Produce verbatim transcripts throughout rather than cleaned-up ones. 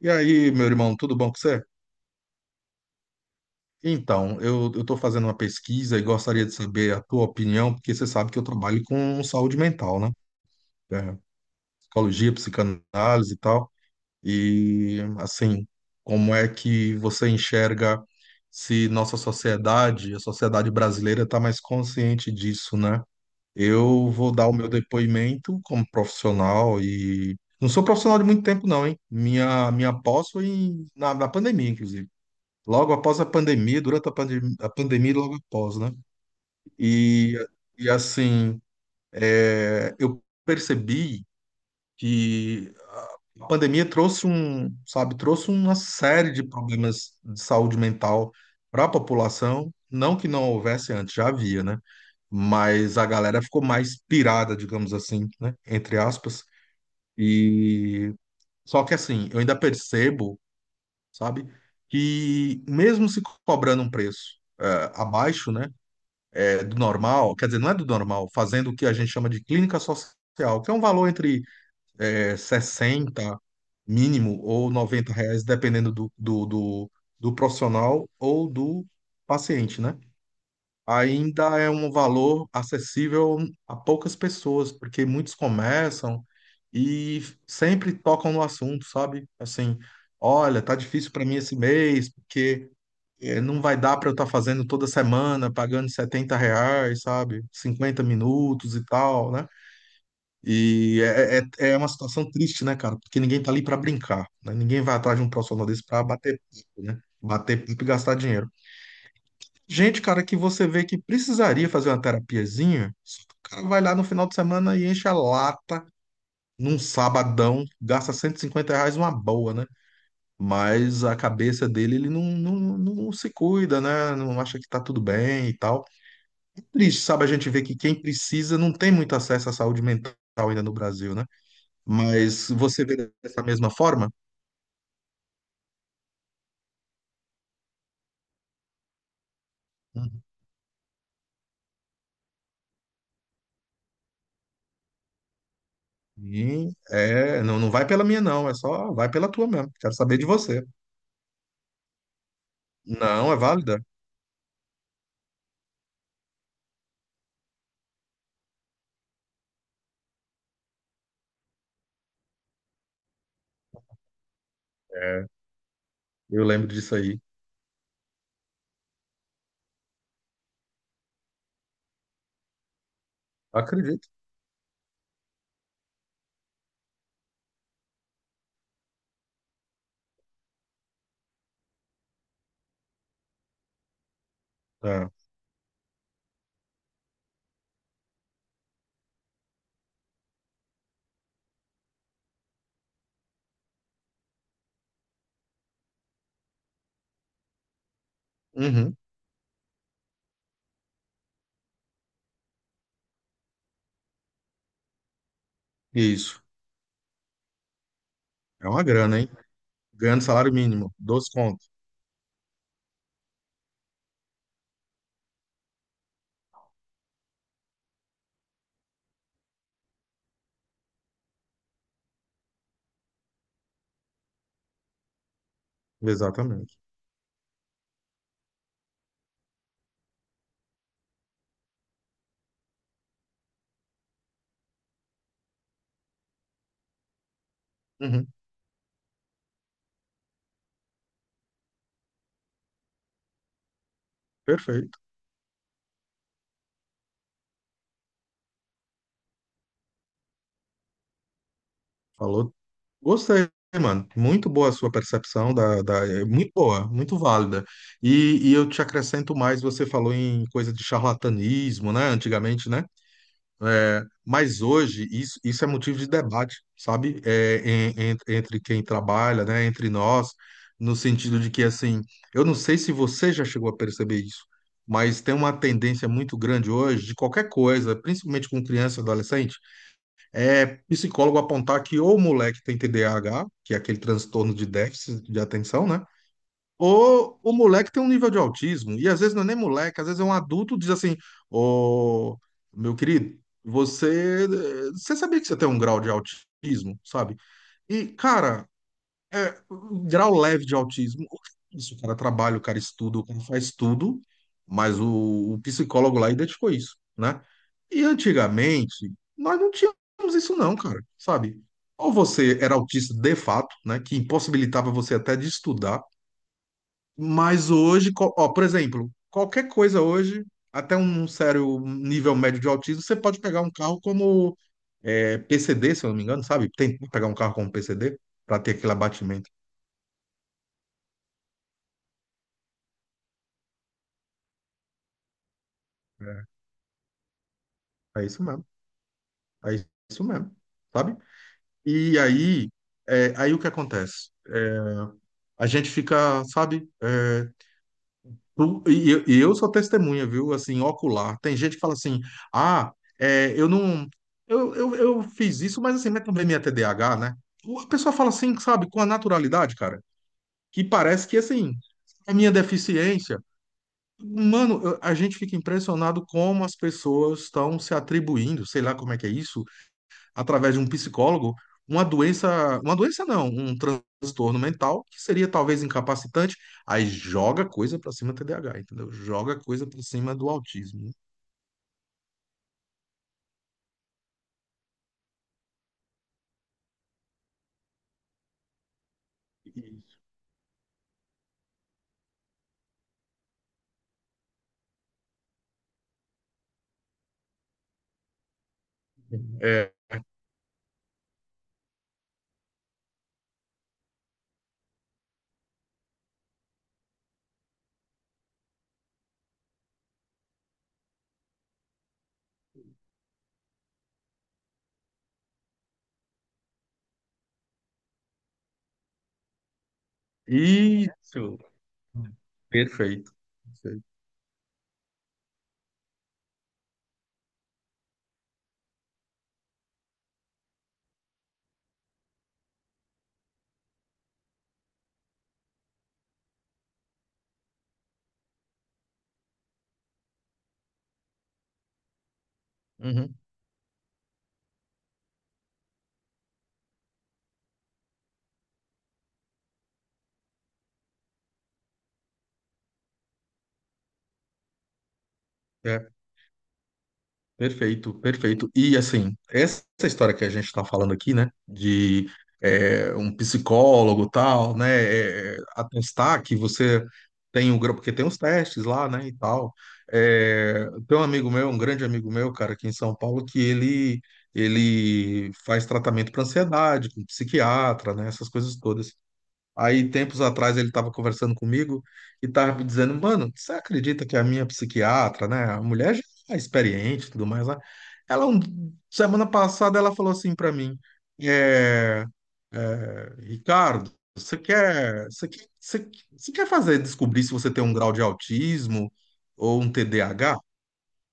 E aí, meu irmão, tudo bom com você? Então, eu estou fazendo uma pesquisa e gostaria de saber a tua opinião, porque você sabe que eu trabalho com saúde mental, né? É, Psicologia, psicanálise e tal. E, assim, como é que você enxerga se nossa sociedade, a sociedade brasileira, está mais consciente disso, né? Eu vou dar o meu depoimento como profissional e. Não sou profissional de muito tempo, não, hein? Minha, minha pós foi em- na, na pandemia, inclusive. Logo após a pandemia, durante a, pandem a pandemia, e logo após, né? E, e assim, é, eu percebi que a pandemia trouxe um, sabe, trouxe uma série de problemas de saúde mental para a população. Não que não houvesse antes, já havia, né? Mas a galera ficou mais pirada, digamos assim, né? Entre aspas. E só que assim, eu ainda percebo, sabe? Que mesmo se cobrando um preço é, abaixo, né, é, do normal, quer dizer, não é do normal, fazendo o que a gente chama de clínica social, que é um valor entre é, sessenta mínimo ou noventa reais, dependendo do, do, do, do profissional ou do paciente, né? Ainda é um valor acessível a poucas pessoas, porque muitos começam e sempre tocam no assunto, sabe? Assim, olha, tá difícil para mim esse mês, porque é, não vai dar para eu estar fazendo toda semana, pagando setenta reais, sabe? Cinquenta minutos e tal, né? E é, é, é é uma situação triste, né, cara? Porque ninguém tá ali para brincar, né? Ninguém vai atrás de um profissional desse para bater papo, né? Bater papo e gastar dinheiro. Gente, cara, que você vê que precisaria fazer uma terapiazinha, só que o cara vai lá no final de semana e enche a lata num sabadão, gasta cento e cinquenta reais uma boa, né? Mas a cabeça dele, ele não, não, não se cuida, né? Não acha que tá tudo bem e tal. É triste, sabe? A gente vê que quem precisa não tem muito acesso à saúde mental ainda no Brasil, né? Mas você vê dessa mesma forma? Uhum. É, não, não vai pela minha, não. É só, vai pela tua mesmo. Quero saber de você. Não, é válida. É, eu lembro disso aí. Acredito. É. Uhum. Isso. É uma grana, hein? Ganhando salário mínimo, dois contos. Exatamente. Uhum. Perfeito. Falou. Gostei, mano. Muito boa a sua percepção da, da- é muito boa, muito válida. E, e eu te acrescento mais, você falou em coisa de charlatanismo, né? Antigamente, né? É, mas hoje isso, isso é motivo de debate, sabe? É, em- em- entre quem trabalha, né? Entre nós, no sentido de que assim, eu não sei se você já chegou a perceber isso, mas tem uma tendência muito grande hoje de qualquer coisa, principalmente com criança e adolescente. É psicólogo apontar que ou o moleque tem T D A H, que é aquele transtorno de déficit de atenção, né? Ou o moleque tem um nível de autismo. E às vezes não é nem moleque, às vezes é um adulto diz assim: ô, meu querido, você, eh, você sabia que você tem um grau de autismo, sabe? E, cara, é, grau leve de autismo. O que é isso, o cara trabalha, o cara estuda, o cara faz tudo, mas o, o psicólogo lá identificou isso, né? E antigamente, nós não tínhamos isso não, cara, sabe? Ou você era autista de fato, né, que impossibilitava você até de estudar, mas hoje, co- ó, por exemplo, qualquer coisa hoje, até um sério nível médio de autismo, você pode pegar um carro como é, P C D, se eu não me engano, sabe? Tem que pegar um carro como P C D para ter aquele abatimento. É isso mesmo. É isso mesmo. Sabe? E aí, é, aí o que acontece? É, A gente fica, sabe? é, tu- e, eu e eu sou testemunha, viu? Assim, ocular. Tem gente que fala assim: ah, é, eu não. Eu, eu, eu fiz isso, mas assim, mas também minha T D A H, né? O- A pessoa fala assim, sabe? Com a naturalidade, cara, que parece que, assim, é minha deficiência. Mano, eu- a gente fica impressionado como as pessoas estão se atribuindo, sei lá como é que é isso, através de um psicólogo, uma doença, uma doença não, um transtorno mental que seria talvez incapacitante, aí joga coisa para cima do T D A H, entendeu? Joga coisa para cima do autismo. É, isso, perfeito. Perfeito. Uhum. Perfeito, perfeito. E assim, essa história que a gente está falando aqui, né, de é, um psicólogo tal, né, é, atestar que você tem um grupo, porque tem uns testes lá, né, e tal. É, tem um amigo meu, um grande amigo meu, cara, aqui em São Paulo, que ele ele faz tratamento para ansiedade, com psiquiatra, né, essas coisas todas. Aí, tempos atrás, ele estava conversando comigo e estava me dizendo, mano, você acredita que a minha psiquiatra, né, a mulher já é experiente e tudo mais, né? Ela, um- semana passada, ela falou assim para mim, é, Ricardo, você quer, você quer, você, você quer fazer descobrir se você tem um grau de autismo ou um T D A H?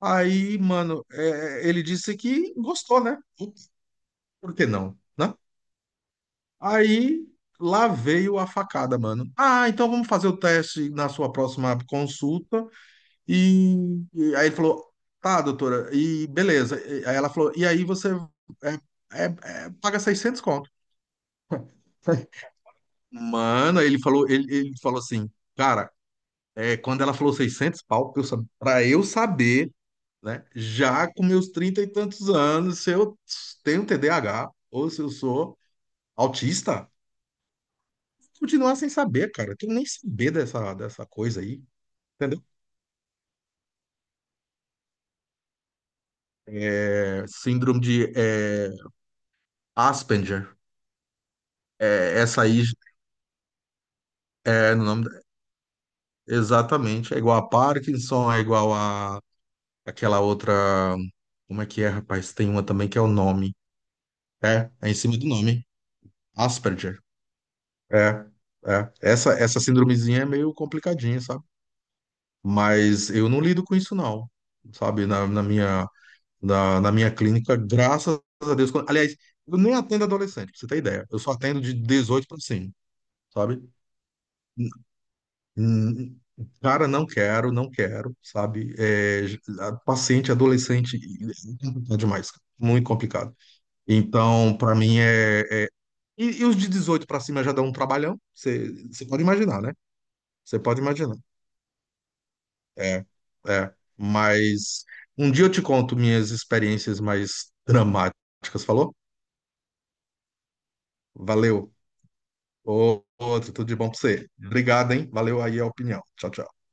Aí, mano, é, ele disse que gostou, né? Por que não, né? Aí lá veio a facada, mano. Ah, então vamos fazer o teste na sua próxima consulta. E, e aí ele falou, tá, doutora, e beleza. E- Aí ela falou, e aí você é, é- é, paga seiscentos, conto. Mano, aí ele falou, ele, ele falou assim, cara, é, quando ela falou seiscentos, pau, pra eu, sa- pra eu saber, né, já com meus trinta e tantos anos, se eu tenho T D A H ou se eu sou autista, continuar sem saber, cara. Tem que nem saber dessa, dessa coisa aí, entendeu? É, síndrome de é, Asperger. É, essa aí é no nome. da- Exatamente. É igual a Parkinson, é igual a aquela outra. Como é que é, rapaz? Tem uma também que é o nome. É, é em cima do nome. Asperger. É, é. Essa, essa síndromezinha é meio complicadinha, sabe? Mas eu não lido com isso, não. Sabe? Na, na minha na, na minha clínica, graças a Deus. quando- Aliás, eu nem atendo adolescente, pra você ter ideia. Eu só atendo de dezoito para cima, sabe? N- n- Cara, não quero, não quero, sabe? É, j- a- paciente adolescente é complicado demais, cara. Muito complicado. Então, para mim é. é- E, e os de dezoito para cima já dão um trabalhão, você você pode imaginar, né? Você pode imaginar. É, é. Mas um dia eu te conto minhas experiências mais dramáticas, falou? Valeu. Ô, ô, tudo de bom pra você. Obrigado, hein? Valeu aí a opinião. Tchau, tchau.